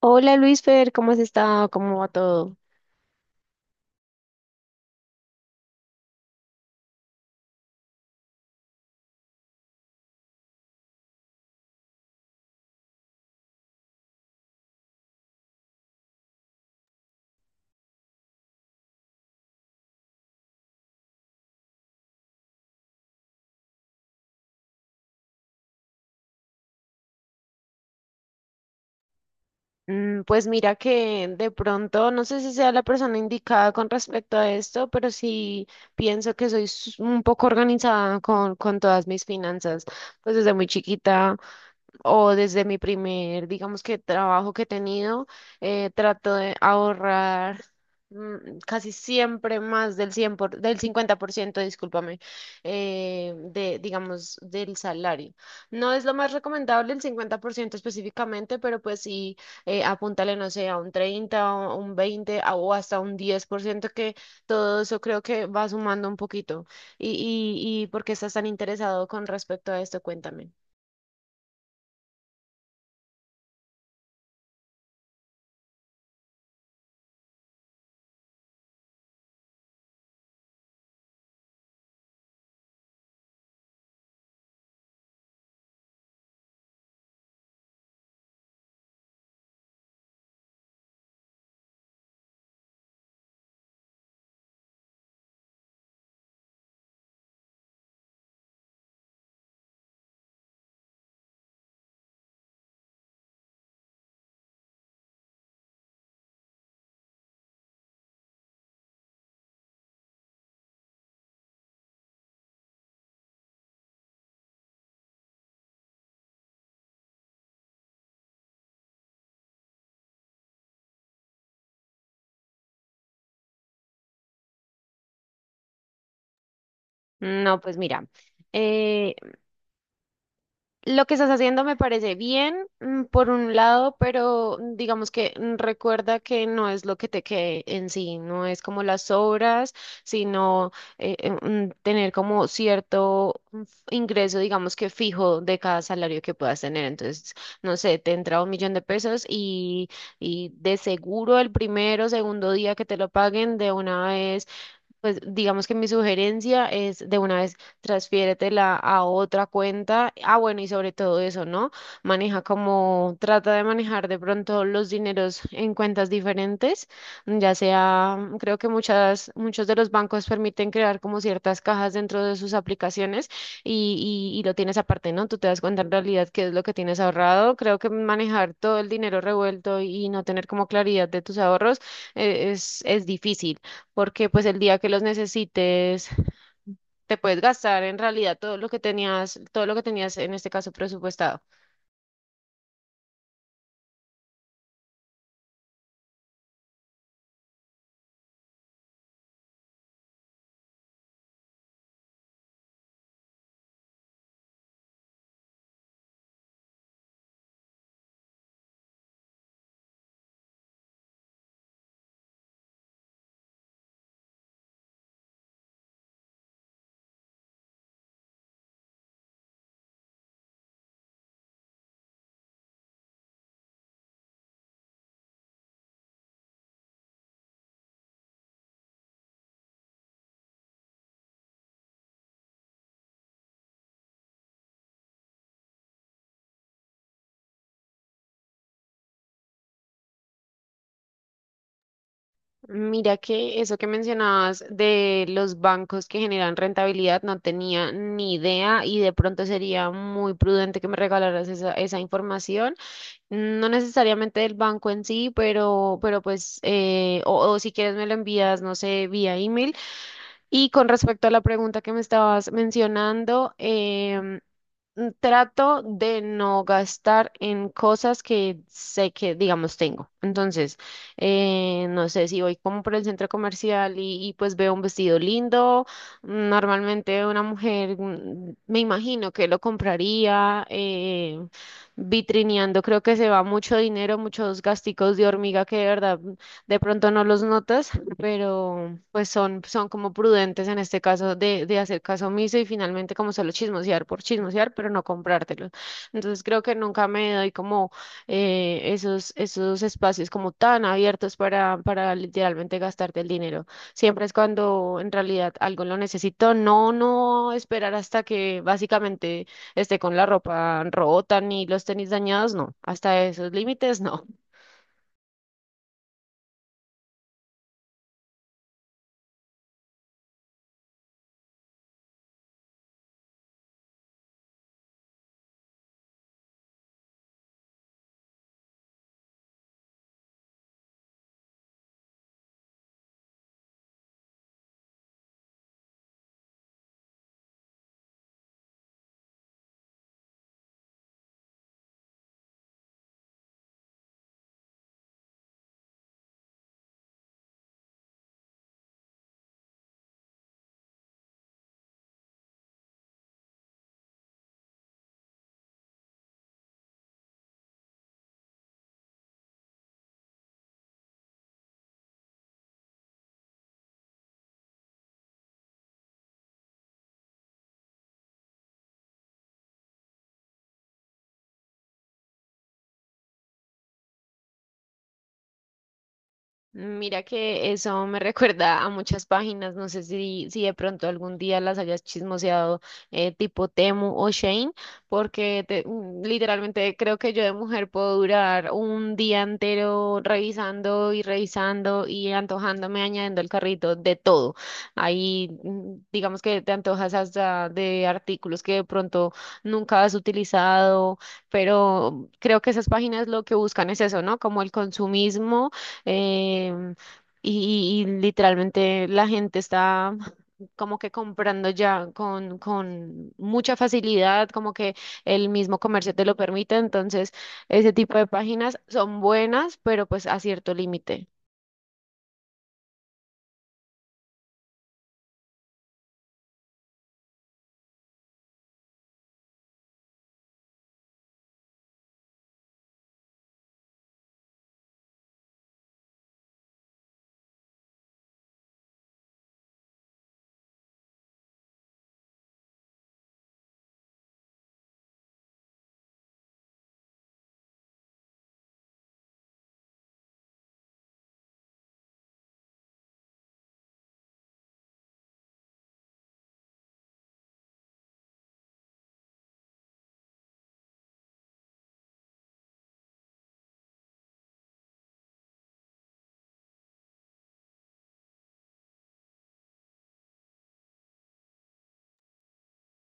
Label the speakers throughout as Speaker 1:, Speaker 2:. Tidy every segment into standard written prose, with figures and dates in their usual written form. Speaker 1: Hola Luisfer, ¿cómo has estado? ¿Cómo va todo? Pues mira que de pronto, no sé si sea la persona indicada con respecto a esto, pero sí pienso que soy un poco organizada con todas mis finanzas. Pues desde muy chiquita o desde mi primer, digamos que trabajo que he tenido, trato de ahorrar. Casi siempre más del 50%, discúlpame, de, digamos, del salario. No es lo más recomendable el 50% específicamente, pero pues sí, apúntale, no sé, a un 30 o un 20 o hasta un 10% que todo eso creo que va sumando un poquito. ¿Y, y por qué estás tan interesado con respecto a esto? Cuéntame. No, pues mira. eh, Lo que estás haciendo me parece bien, por un lado, pero digamos que recuerda que no es lo que te quede en sí, no es como las obras, sino tener como cierto ingreso, digamos que fijo de cada salario que puedas tener. Entonces, no sé, te entra 1.000.000 de pesos y de seguro el primero, segundo día que te lo paguen, de una vez pues digamos que mi sugerencia es de una vez transfiéretela a otra cuenta. Ah, bueno, y sobre todo eso, ¿no? Maneja como, trata de manejar de pronto los dineros en cuentas diferentes, ya sea, creo que muchos de los bancos permiten crear como ciertas cajas dentro de sus aplicaciones y lo tienes aparte, ¿no? Tú te das cuenta en realidad qué es lo que tienes ahorrado. Creo que manejar todo el dinero revuelto y no tener como claridad de tus ahorros es difícil porque pues el día que los necesites te puedes gastar en realidad todo lo que tenías en este caso presupuestado. Mira que eso que mencionabas de los bancos que generan rentabilidad no tenía ni idea y de pronto sería muy prudente que me regalaras esa información, no necesariamente del banco en sí, pero pues, o si quieres me lo envías, no sé, vía email. Y con respecto a la pregunta que me estabas mencionando, trato de no gastar en cosas que sé que, digamos, tengo. Entonces, no sé si voy como por el centro comercial y, pues veo un vestido lindo. Normalmente una mujer, me imagino que lo compraría. Vitrineando, creo que se va mucho dinero, muchos gasticos de hormiga que de verdad de pronto no los notas pero pues son como prudentes en este caso de hacer caso omiso y finalmente como solo chismosear por chismosear, pero no comprártelo. Entonces creo que nunca me doy como esos espacios como tan abiertos para literalmente gastarte el dinero. Siempre es cuando en realidad algo lo necesito, no, no esperar hasta que básicamente esté con la ropa rota ni los tenis dañados, no, hasta esos límites no. Mira que eso me recuerda a muchas páginas, no sé si de pronto algún día las hayas chismoseado tipo Temu o Shane, porque literalmente creo que yo de mujer puedo durar un día entero revisando y revisando y antojándome, añadiendo al carrito de todo. Ahí digamos que te antojas hasta de artículos que de pronto nunca has utilizado, pero creo que esas páginas lo que buscan es eso, ¿no? Como el consumismo em, y literalmente la gente está como que comprando ya con mucha facilidad, como que el mismo comercio te lo permite. Entonces, ese tipo de páginas son buenas, pero pues a cierto límite.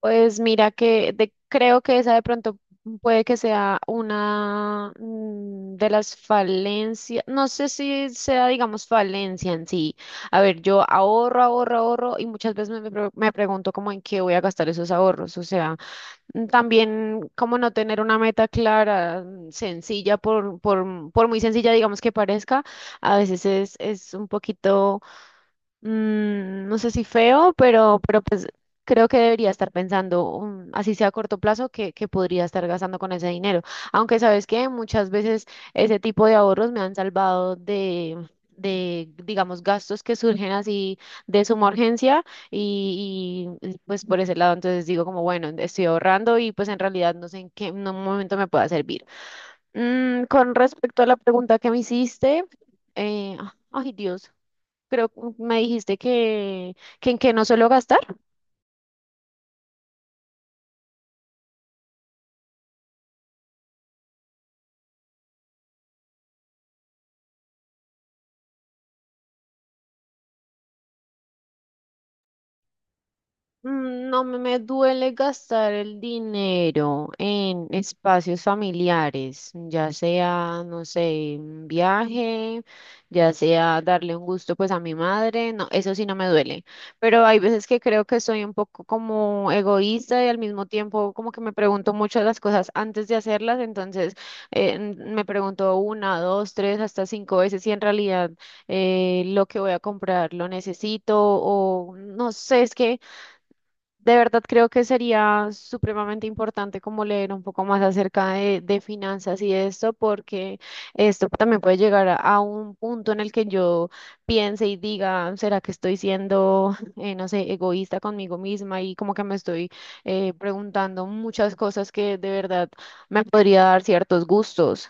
Speaker 1: Pues mira que creo que esa de pronto puede que sea una de las falencias, no sé si sea, digamos, falencia en sí. A ver, yo ahorro, ahorro, ahorro y muchas veces me pregunto como en qué voy a gastar esos ahorros. O sea, también como no tener una meta clara, sencilla, por muy sencilla, digamos, que parezca, a veces es un poquito no sé si feo, pero creo que debería estar pensando, así sea a corto plazo, que podría estar gastando con ese dinero. Aunque sabes que muchas veces ese tipo de ahorros me han salvado de, digamos, gastos que surgen así de suma urgencia y, pues por ese lado entonces digo como, bueno, estoy ahorrando y pues en realidad no sé en qué en un momento me pueda servir. Con respecto a la pregunta que me hiciste, eh, ay Dios, creo que me dijiste que en qué no suelo gastar. No me duele gastar el dinero en espacios familiares, ya sea, no sé, un viaje, ya sea darle un gusto pues a mi madre, no, eso sí no me duele, pero hay veces que creo que soy un poco como egoísta y al mismo tiempo como que me pregunto muchas las cosas antes de hacerlas, entonces me pregunto una, dos, tres, hasta cinco veces si en realidad lo que voy a comprar lo necesito o no sé, es que... De verdad creo que sería supremamente importante como leer un poco más acerca de finanzas y esto, porque esto también puede llegar a un punto en el que yo piense y diga, ¿será que estoy siendo, no sé, egoísta conmigo misma? Y como que me estoy preguntando muchas cosas que de verdad me podría dar ciertos gustos.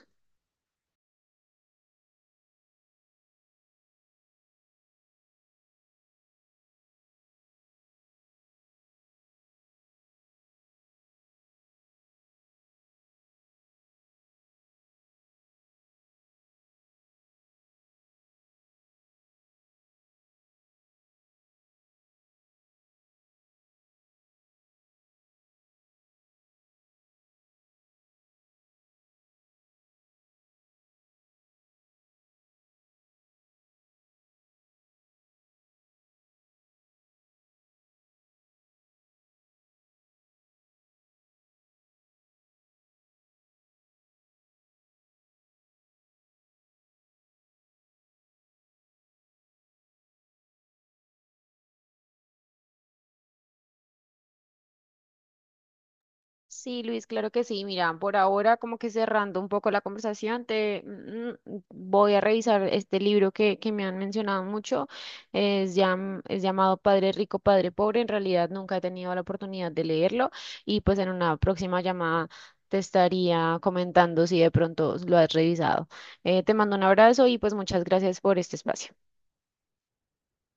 Speaker 1: Sí, Luis, claro que sí. Mira, por ahora como que cerrando un poco la conversación, te voy a revisar este libro que me han mencionado mucho. Es llamado Padre Rico, Padre Pobre. En realidad nunca he tenido la oportunidad de leerlo y pues en una próxima llamada te estaría comentando si de pronto lo has revisado. Te mando un abrazo y pues muchas gracias por este espacio.